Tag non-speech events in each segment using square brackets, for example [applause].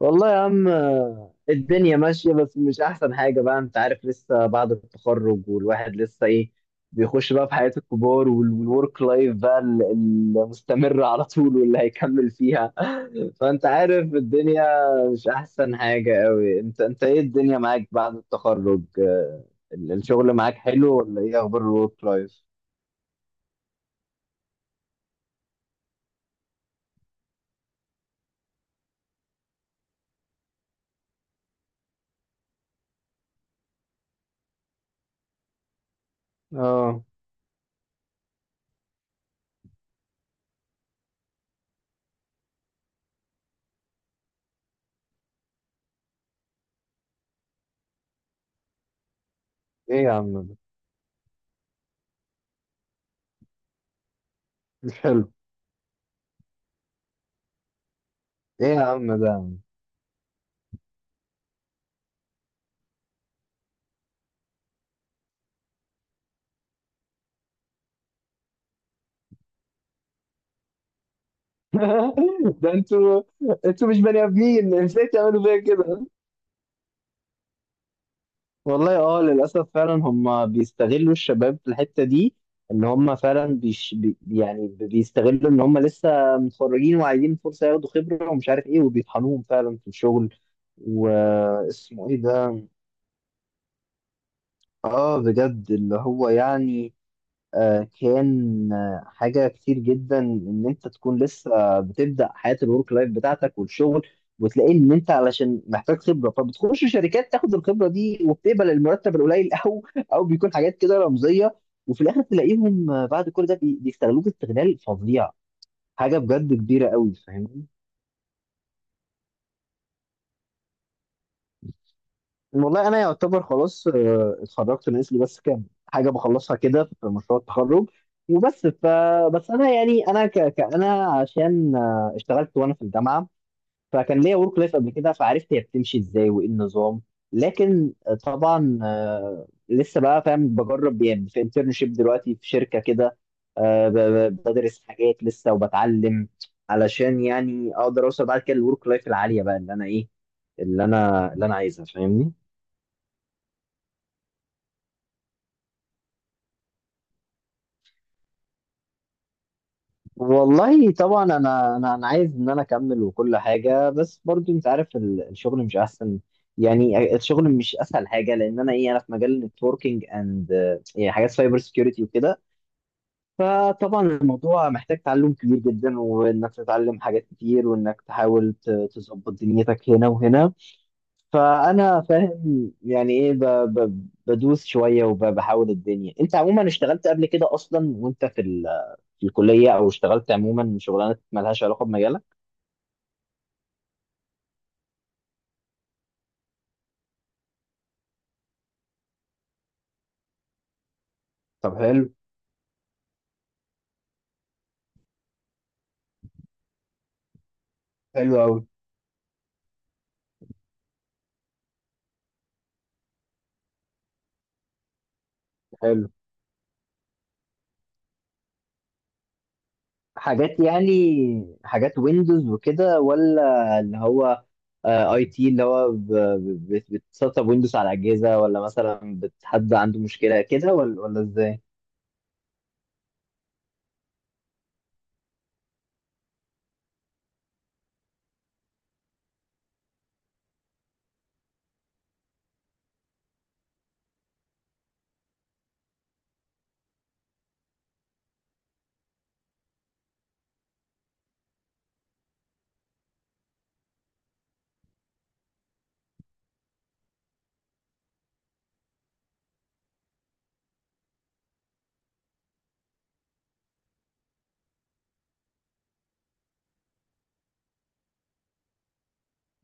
والله يا عم الدنيا ماشية بس مش أحسن حاجة بقى. أنت عارف لسه بعد التخرج والواحد لسه بيخش بقى في حياة الكبار والورك لايف بقى المستمرة على طول واللي هيكمل فيها [laughs] فأنت عارف الدنيا مش أحسن حاجة أوي. أنت إيه الدنيا معاك بعد التخرج؟ الشغل معاك حلو ولا إيه أخبار الورك لايف؟ آه. إيه يا عم ده؟ مش حلو. إيه يا عم ده؟ [laughs] ده انتوا، انتوا مش بني ادمين، ازاي تعملوا فيا كده. والله اه، للاسف فعلا هم بيستغلوا الشباب في الحته دي. ان هم فعلا بيش بي يعني بيستغلوا ان هم لسه متخرجين وعايزين فرصه ياخدوا خبره ومش عارف ايه، وبيطحنوهم فعلا في الشغل. واسمه ايه ده؟ اه بجد. اللي هو يعني كان حاجة كتير جدا إن أنت تكون لسه بتبدأ حياة الورك لايف بتاعتك والشغل، وتلاقي إن أنت علشان محتاج خبرة فبتخش شركات تاخد الخبرة دي، وبتقبل المرتب القليل [laughs] أو أو بيكون حاجات كده رمزية. وفي الآخر تلاقيهم بعد كل ده بيستغلوك استغلال فظيع. حاجة بجد كبيرة قوي، فاهمني. والله انا يعتبر خلاص اتخرجت، ناقص لي بس كام حاجه بخلصها كده في مشروع التخرج وبس. بس انا يعني انا عشان اشتغلت وانا في الجامعه، فكان ليا ورك لايف قبل كده، فعرفت هي بتمشي ازاي وايه النظام. لكن طبعا لسه بقى فاهم، بجرب يعني في انترنشيب دلوقتي في شركه كده. بدرس حاجات لسه وبتعلم، علشان يعني اقدر اوصل بعد كده للورك لايف العاليه بقى اللي انا ايه، اللي انا عايزها، فاهمني. والله طبعا انا عايز ان انا اكمل وكل حاجه، بس برضو انت عارف الشغل مش احسن. يعني الشغل مش اسهل حاجه لان انا ايه، انا في مجال النتوركينج اند، يعني حاجات سايبر سكيورتي وكده. فطبعا الموضوع محتاج تعلم كبير جدا، وانك تتعلم حاجات كتير، وانك تحاول تظبط دنيتك هنا وهنا. فانا فاهم يعني ايه بدوس شويه وبحاول الدنيا. انت عموما اشتغلت قبل كده اصلا وانت في ال، في الكلية، أو اشتغلت عموما شغلانات مالهاش علاقة بمجالك؟ طب حلو. حلو قوي. حلو. حاجات يعني، حاجات ويندوز وكده ولا؟ اللي هو اي تي اللي هو بتسطب ويندوز على أجهزة، ولا مثلا حد عنده مشكلة كده، ولا ولا إزاي؟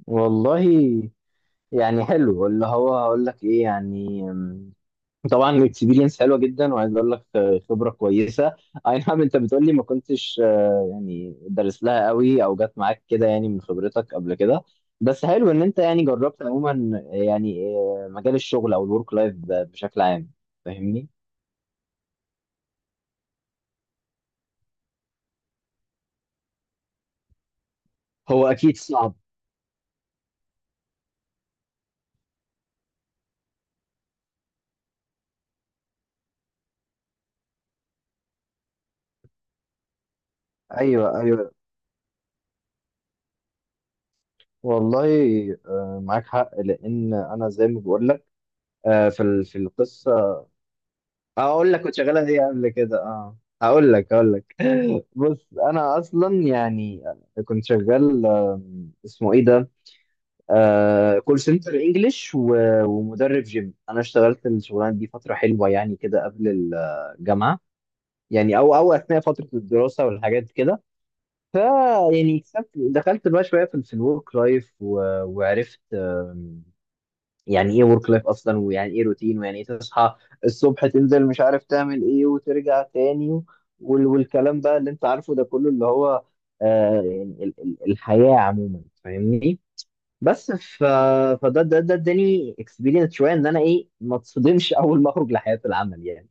والله يعني حلو. اللي هو هقول لك إيه يعني، طبعا اكسبيرينس حلوه جدا، وعايز اقول لك خبره كويسه. [laughs] اي نعم انت بتقول لي ما كنتش يعني دارس لها قوي، او جت معاك كده يعني من خبرتك قبل كده. بس حلو ان انت يعني جربت عموما يعني مجال الشغل او الورك لايف بشكل عام، فاهمني. هو اكيد صعب. ايوه ايوه. والله معاك حق، لان انا زي ما بقول لك في ال، في القصه. اقول لك كنت شغاله ايه قبل كده؟ اه هقول لك، هقول لك. [laughs] بص انا اصلا يعني كنت شغال اسمه ايه ده، آه كول سنتر انجلش، ومدرب جيم. انا اشتغلت الشغلانه دي فتره حلوه يعني كده قبل الجامعه. يعني او اثناء فتره الدراسه والحاجات كده. ف يعني اكتسبت، دخلت بقى شويه في الورك لايف، وعرفت يعني ايه ورك لايف اصلا، ويعني ايه روتين، ويعني ايه تصحى الصبح تنزل مش عارف تعمل ايه وترجع تاني، والكلام بقى اللي انت عارفه ده كله اللي هو يعني الحياة عموما، فاهمني. بس فده ده اداني اكسبيرينس شويه ان انا ايه، ما اتصدمش [laughs] اول ما اخرج لحياه العمل يعني.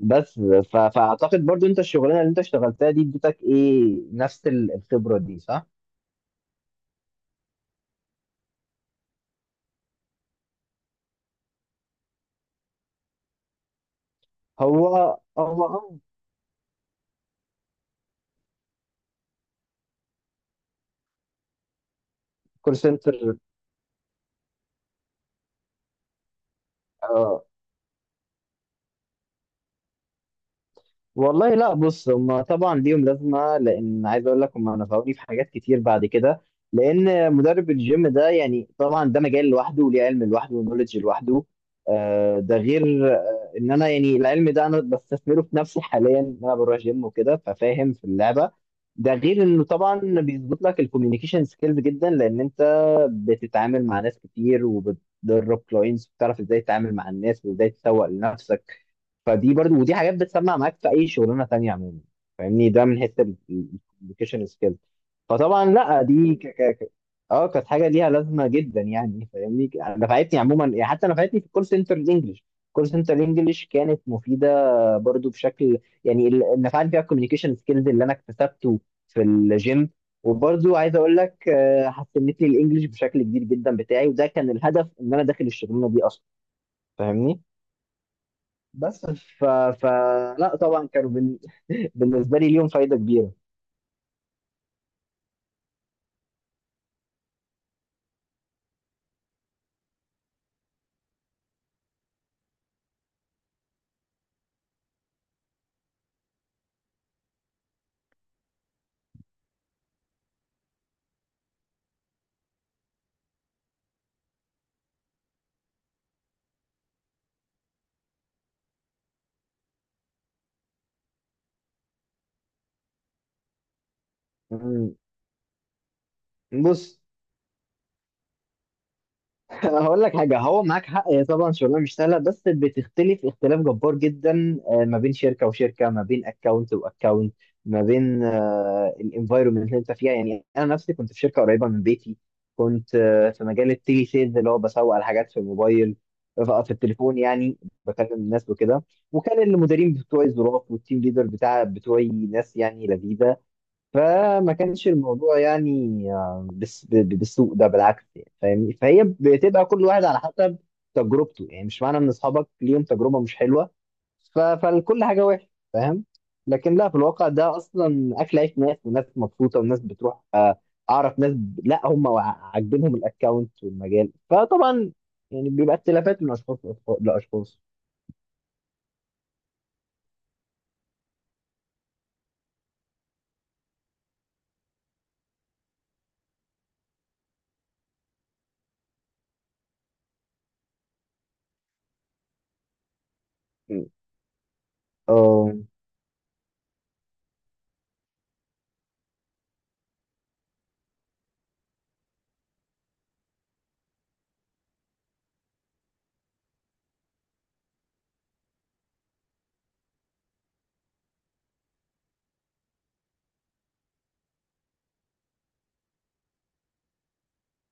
بس فاعتقد برضو انت الشغلانه اللي انت اشتغلتها دي اديتك ايه، نفس الخبره دي، صح؟ هو، هو كول سنتر. والله لا، بص، هم طبعا ليهم لازمه. لان عايز اقول لك هم نفعوني في حاجات كتير بعد كده. لان مدرب الجيم ده يعني طبعا ده مجال لوحده، وليه علم لوحده، ونولج لوحده. ده غير ان انا يعني العلم ده انا بستثمره في نفسي حاليا، ان انا بروح جيم وكده، ففاهم في اللعبه. ده غير انه طبعا بيظبط لك الكوميونيكيشن سكيلز جدا، لان انت بتتعامل مع ناس كتير، وبتدرب كلاينتس، بتعرف ازاي تتعامل مع الناس وازاي تسوق لنفسك. فدي برضو، ودي حاجات بتسمع معاك في اي شغلانه تانية عموما، فاهمني. ده من حته الكوميونيكيشن سكيل. فطبعا لا، دي اه كانت حاجه ليها لازمه جدا يعني، فاهمني. نفعتني عموما يعني، حتى نفعتني في الكول سنتر الانجليش. الكول سنتر الانجليش كانت مفيده برضو بشكل يعني، نفعني فيها الكوميونيكيشن سكيلز اللي انا اكتسبته في الجيم. وبرضو عايز اقول لك حسنت لي الانجليش بشكل كبير جدا بتاعي، وده كان الهدف ان انا داخل الشغلانه دي اصلا، فاهمني. بس ف... ف... لا طبعا [laughs] بالنسبه لي ليهم فايده كبيره. أمم، بص هقول لك حاجة، هو معاك حق. هي طبعا شغلانة مش سهلة، بس بتختلف اختلاف جبار جدا ما بين شركة وشركة، ما بين اكونت واكونت، ما بين الانفايرومنت اللي انت فيها. يعني انا نفسي كنت في شركة قريبة من بيتي، كنت في مجال التيلي سيلز اللي هو بسوق على حاجات في الموبايل، في التليفون يعني، بكلم الناس وكده. وكان المديرين بتوعي ظراف، والتيم ليدر بتاع بتوعي ناس يعني لذيذة. فما كانش الموضوع يعني بالسوء ده، بالعكس يعني، فاهمني. فهي بتبقى كل واحد على حسب تجربته، يعني مش معنى ان اصحابك ليهم تجربه مش حلوه فالكل حاجه وحشه، فاهم؟ لكن لا، في الواقع ده اصلا اكل عيش ناس، وناس مبسوطه، وناس بتروح اعرف ناس لا هم عاجبينهم الاكونت والمجال. فطبعا يعني بيبقى اختلافات من اشخاص لأشخاص لاشخاص. م. آه،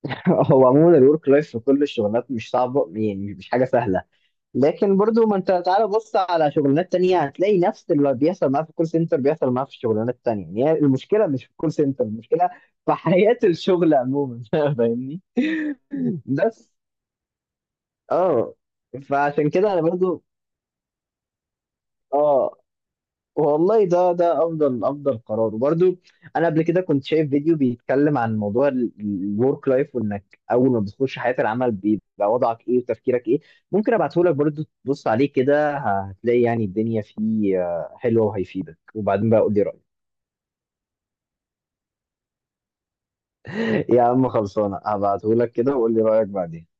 [laughs] هو عموما الورك لايف في كل الشغلات مش صعبه يعني، مش حاجه سهله. لكن برضو ما انت تعالى بص على شغلانات تانية هتلاقي نفس اللي بيحصل معاه في الكول سنتر بيحصل معاه في الشغلانات التانية. يعني هي المشكلة مش في الكول سنتر، المشكلة في حياة الشغل عموما، [laughs] فاهمني. بس اه. فعشان كده انا برضو اه. والله ده ده افضل افضل قرار، وبرده انا قبل كده كنت شايف فيديو بيتكلم عن موضوع الورك لايف، وانك اول ما بتخش حياه العمل بيبقى وضعك ايه وتفكيرك ايه. ممكن ابعته لك برده تبص عليه كده، هتلاقي يعني الدنيا فيه حلوه وهيفيدك، وبعدين بقى قول لي رايك. [laughs] يا عم خلصانه، هبعته لك كده وقول لي رايك بعدين.